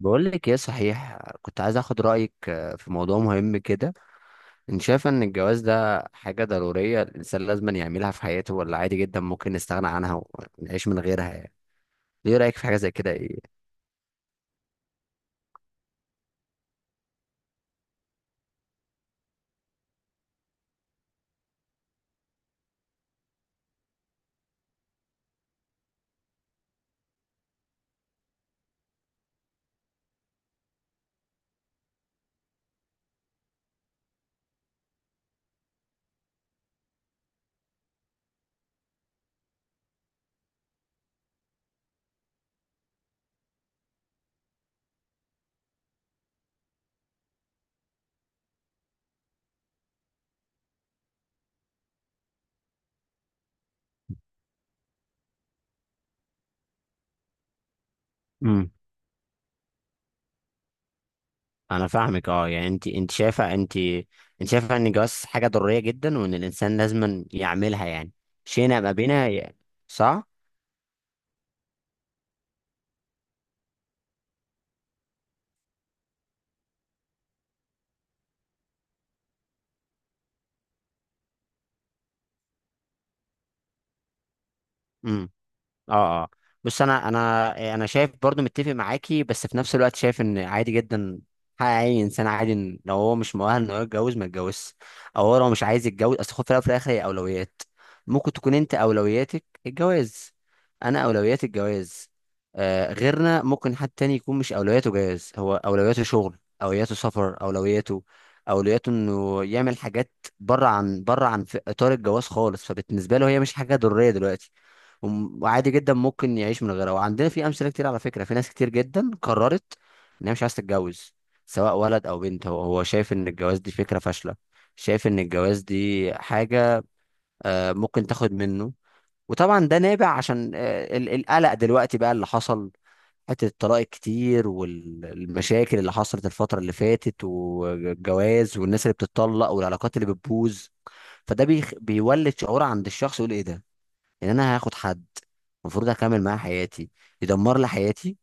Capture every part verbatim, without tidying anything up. بقول لك ايه صحيح كنت عايز اخد رايك آه، في موضوع مهم كده. انت شايفه ان الجواز ده حاجه ضروريه الانسان لازم يعملها في حياته، ولا عادي جدا ممكن نستغنى عنها ونعيش من غيرها يعني؟ ايه رايك في حاجه زي كده، ايه؟ امم. انا فاهمك، اه يعني انت انت شايفه انت. انت شايفه ان الجواز حاجه ضروريه جدا، وان الانسان لازم يعملها يعني. شئنا ما بينا يعني. صح. امم. اه، اه. بص، انا انا. آه، انا شايف برضو متفق معاكي، بس في نفس الوقت شايف ان عادي جدا. حق اي انسان عادي، إن لو هو مش مؤهل ان هو يتجوز ما يتجوزش، او هو لو مش عايز يتجوز. اصل خد في الأول وفي الاخر هي اولويات. ممكن تكون انت اولوياتك الجواز، انا اولوياتي الجواز. آه غيرنا ممكن حد تاني يكون مش اولوياته جواز، هو اولوياته شغل، اولوياته سفر، اولوياته اولوياته انه يعمل حاجات بره عن بره عن في اطار الجواز خالص. فبالنسبه له هي مش حاجه ضروريه دلوقتي. وم- وعادي جدا ممكن يعيش من غيرها. وعندنا في امثله كتير، على فكره، في ناس كتير جدا قررت ان هي مش عايزه تتجوز، سواء ولد او بنت. هو هو شايف ان الجواز دي فكره فاشله. شايف ان الجواز دي حاجه آه، ممكن تاخد منه. وطبعا ده نابع عشان آه، ال- القلق دلوقتي بقى اللي حصل، حته الطلاق الكتير والمشاكل اللي حصلت الفتره اللي فاتت، والجواز والناس اللي بتتطلق والعلاقات اللي بتبوظ. فده بيخ... بيولد شعور عند الشخص، يقول ايه ده؟ ان انا هاخد حد المفروض اكمل معاه حياتي يدمر لي حياتي؟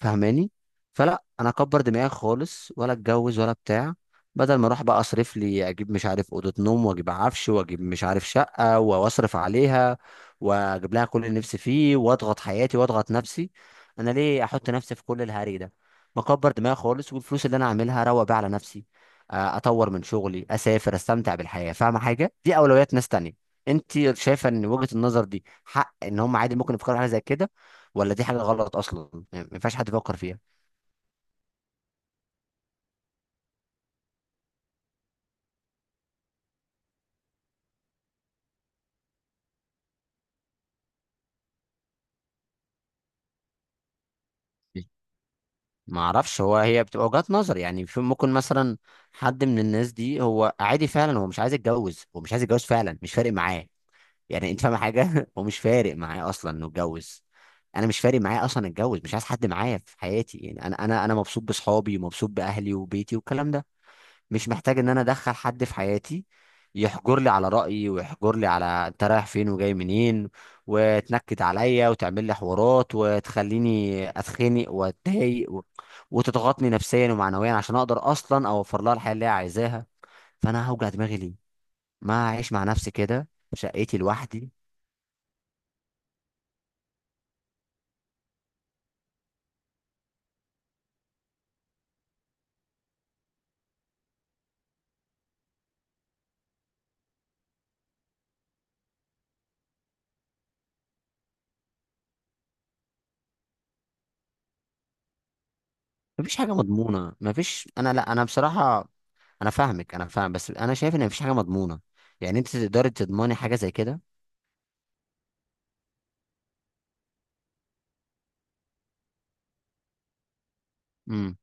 فاهماني؟ فلا انا اكبر دماغي خالص، ولا اتجوز ولا بتاع. بدل ما اروح بقى اصرف لي، اجيب مش عارف اوضه نوم، واجيب عفش، واجيب مش عارف شقه، واصرف عليها، واجيب لها كل اللي نفسي فيه، واضغط حياتي واضغط نفسي. انا ليه احط نفسي في كل الهري ده؟ مكبر دماغي خالص، والفلوس اللي انا اعملها اروق بيها على نفسي، آه، اطور من شغلي، اسافر، استمتع بالحياه. فاهمه؟ حاجه دي اولويات ناس تانية. انت شايفه ان وجهه النظر دي حق، ان هم عادي ممكن يفكروا في حاجه زي كده، ولا دي حاجة غلط أصلا يعني ما ينفعش حد يفكر فيها؟ ما اعرفش، هو هي بتبقى وجهات نظر يعني. في ممكن مثلا حد من الناس دي هو عادي فعلا، هو مش عايز يتجوز، هو مش عايز يتجوز فعلا، مش فارق معاه يعني. انت فاهم حاجة؟ هو مش فارق معاه اصلا انه يتجوز. انا مش فارق معايا اصلا اتجوز، مش عايز حد معايا في حياتي يعني. انا انا انا مبسوط بصحابي، ومبسوط باهلي وبيتي والكلام ده، مش محتاج ان انا ادخل حد في حياتي يحجر لي على رأيي، ويحجر لي على انت رايح فين وجاي منين، وتنكد عليا، وتعمل لي حوارات، وتخليني اتخنق واتضايق، و... وتضغطني نفسيا ومعنويا، عشان اقدر اصلا اوفر لها الحياة اللي هي عايزاها. فانا هوجع دماغي ليه؟ ما اعيش مع نفسي كده في شقتي لوحدي. مفيش حاجة مضمونة، مفيش، انا لا، انا بصراحة. انا فاهمك، انا فاهم، بس انا شايف ان مفيش حاجة مضمونة. يعني انت تقدري تضمني حاجة زي كده؟ امم.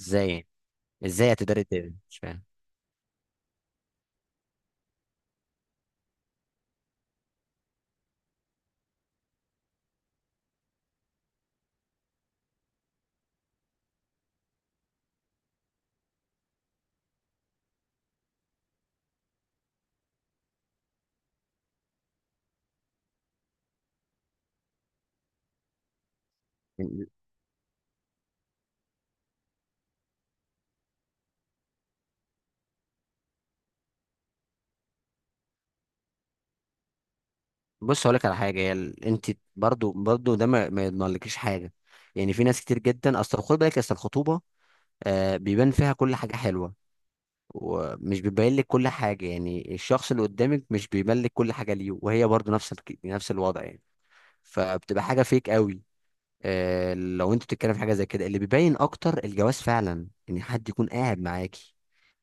ازاي يعني؟ ازاي هتقدري ت- مش فاهم. بص، هقول لك على حاجه، هي ال- انت برضو برضو ده ما ما يضمنلكيش حاجه. يعني في ناس كتير جدا، اصل خد بالك، اصل الخطوبه آه بيبان فيها كل حاجه حلوه، ومش بيبين لك كل حاجه، يعني الشخص اللي قدامك مش بيبين لك كل حاجه ليه، وهي برضو نفس الك- نفس الوضع يعني. فبتبقى حاجه فيك قوي، آه لو انت بتتكلم في حاجه زي كده. اللي بيبين اكتر الجواز فعلا، ان حد يكون قاعد معاكي،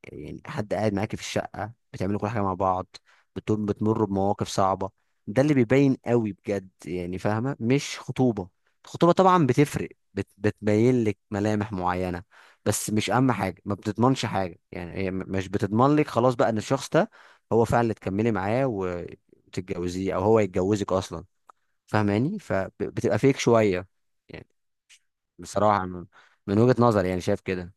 يعني حد قاعد معاكي في الشقة، بتعملوا كل حاجة مع بعض، بتم- بتمروا بمواقف صعبة، ده اللي بيبين قوي بجد يعني، فاهمة؟ مش خطوبة. الخطوبة طبعا بتفرق، بت... بتبين لك ملامح معينة، بس مش أهم حاجة، ما بتضمنش حاجة، يعني هي م- مش بتضمن لك خلاص بقى إن الشخص ده هو فعلا اللي تكملي معاه وتتجوزيه، أو هو يتجوزك أصلا. فاهماني؟ فبتبقى فيك شوية يعني. بصراحة من من وجهة نظري، يعني شايف كده.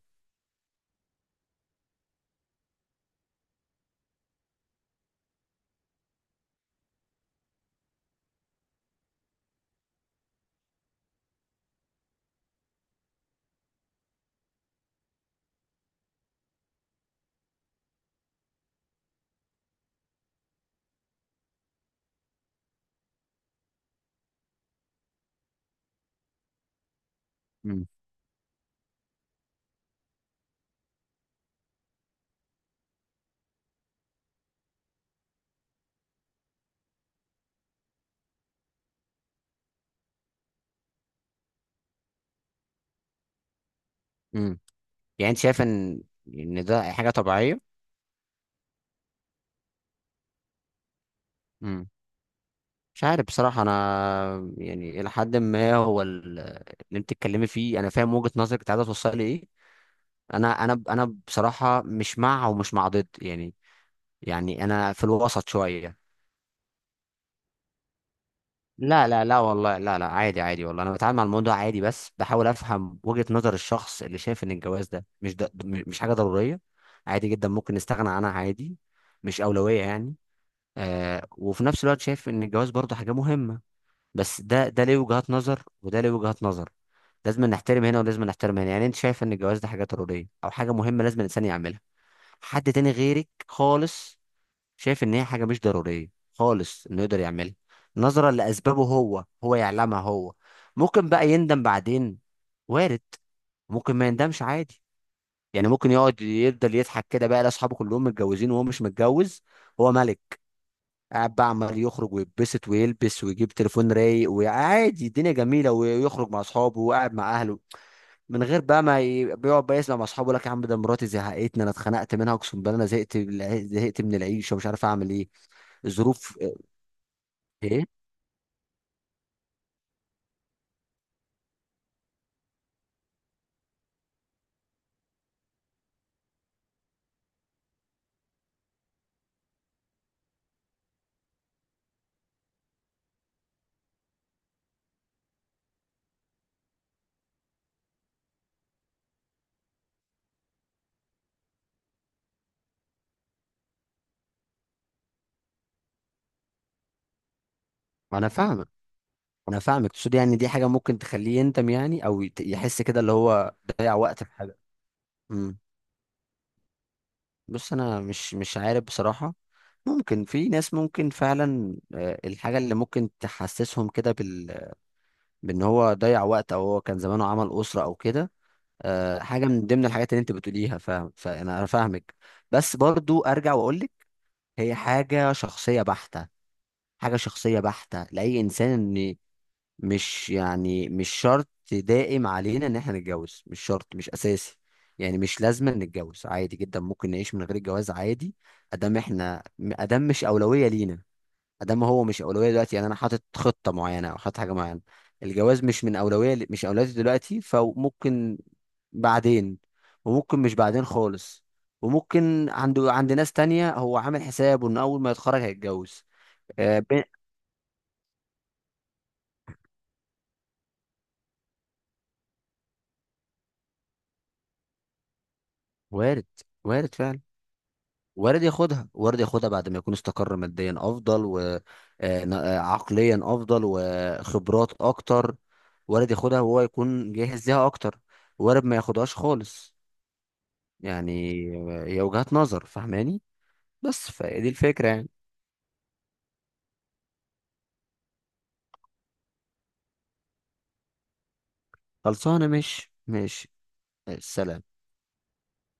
امم. يعني انت شايف ان ان ده حاجه طبيعيه. امم. مش عارف بصراحه انا. يعني الى حد ما هو ال- اللي انت بتتكلمي فيه انا فاهم وجهه نظرك، انت عايزه توصلي ايه. انا انا انا بصراحه مش مع ومش مع ضد يعني، يعني انا في الوسط شويه. لا، لا، لا، والله، لا، لا، عادي، عادي، والله انا بتعامل مع الموضوع عادي، بس بحاول افهم وجهه نظر الشخص اللي شايف ان الجواز ده مش ده، مش حاجه ضروريه، عادي جدا ممكن نستغنى عنها، عادي، مش اولويه يعني. آه وفي نفس الوقت شايف ان الجواز برضه حاجه مهمه، بس ده ده ليه وجهات نظر، وده ليه وجهات نظر، لازم نحترم هنا ولازم نحترم هنا. يعني انت شايف ان الجواز ده حاجه ضروريه او حاجه مهمه لازم الانسان يعملها، حد تاني غيرك خالص شايف ان هي حاجه مش ضروريه خالص انه يقدر يعملها، نظرا لاسبابه هو هو يعلمها هو. ممكن بقى يندم بعدين، وارد، ممكن ما يندمش عادي يعني. ممكن يقعد يفضل يضحك كده بقى، لاصحابه كلهم متجوزين وهو مش متجوز، هو ملك قاعد بقى عمال يخرج ويتبسط ويلبس، ويجيب تليفون رايق، وعادي الدنيا جميله، ويخرج مع اصحابه وقاعد مع اهله، من غير بقى ما ي- بيقعد بقى يسمع مع اصحابه يقول لك: يا عم، ده مراتي زهقتني، انا اتخنقت منها، اقسم بالله انا زهقت بالع- زهقت من العيشه، ومش عارف اعمل ايه، الظروف. ايه. انا فاهمك، انا فاهمك، تقصد يعني دي حاجه ممكن تخليه يندم يعني، او يت- يحس كده اللي هو ضيع وقت في حاجه. امم. بص انا مش مش عارف بصراحه. ممكن في ناس ممكن فعلا، آه، الحاجه اللي ممكن تحسسهم كده بال، بان هو ضيع وقت، او هو كان زمانه عمل اسره او كده. آه، حاجه من ضمن الحاجات اللي انت بتقوليها، فاهم، فانا انا فاهمك. بس برضو ارجع واقول لك، هي حاجه شخصيه بحته، حاجه شخصيه بحته لاي انسان، ان مش يعني مش شرط دائم علينا ان احنا نتجوز، مش شرط مش اساسي، يعني مش لازم نتجوز عادي جدا ممكن نعيش من غير الجواز عادي. ادام احنا، ادام مش اولويه لينا، ادام هو مش اولويه دلوقتي، يعني انا حاطط خطه معينه او حاطط حاجه معينه، الجواز مش من اولويه مش اولويتي دلوقتي، فممكن بعدين، وممكن مش بعدين خالص، وممكن عند عند ناس تانية هو عامل حسابه ان اول ما يتخرج هيتجوز. آه، ب- وارد، وارد فعلا، وارد ياخدها، وارد ياخدها بعد ما يكون استقر ماديا افضل، وعقليا افضل وخبرات اكتر، وارد ياخدها وهو يكون جاهز ليها اكتر، وارد ما ياخدهاش خالص يعني. هي وجهات نظر، فاهماني؟ بس فدي الفكرة يعني. خلصانة؟ مش مش السلام.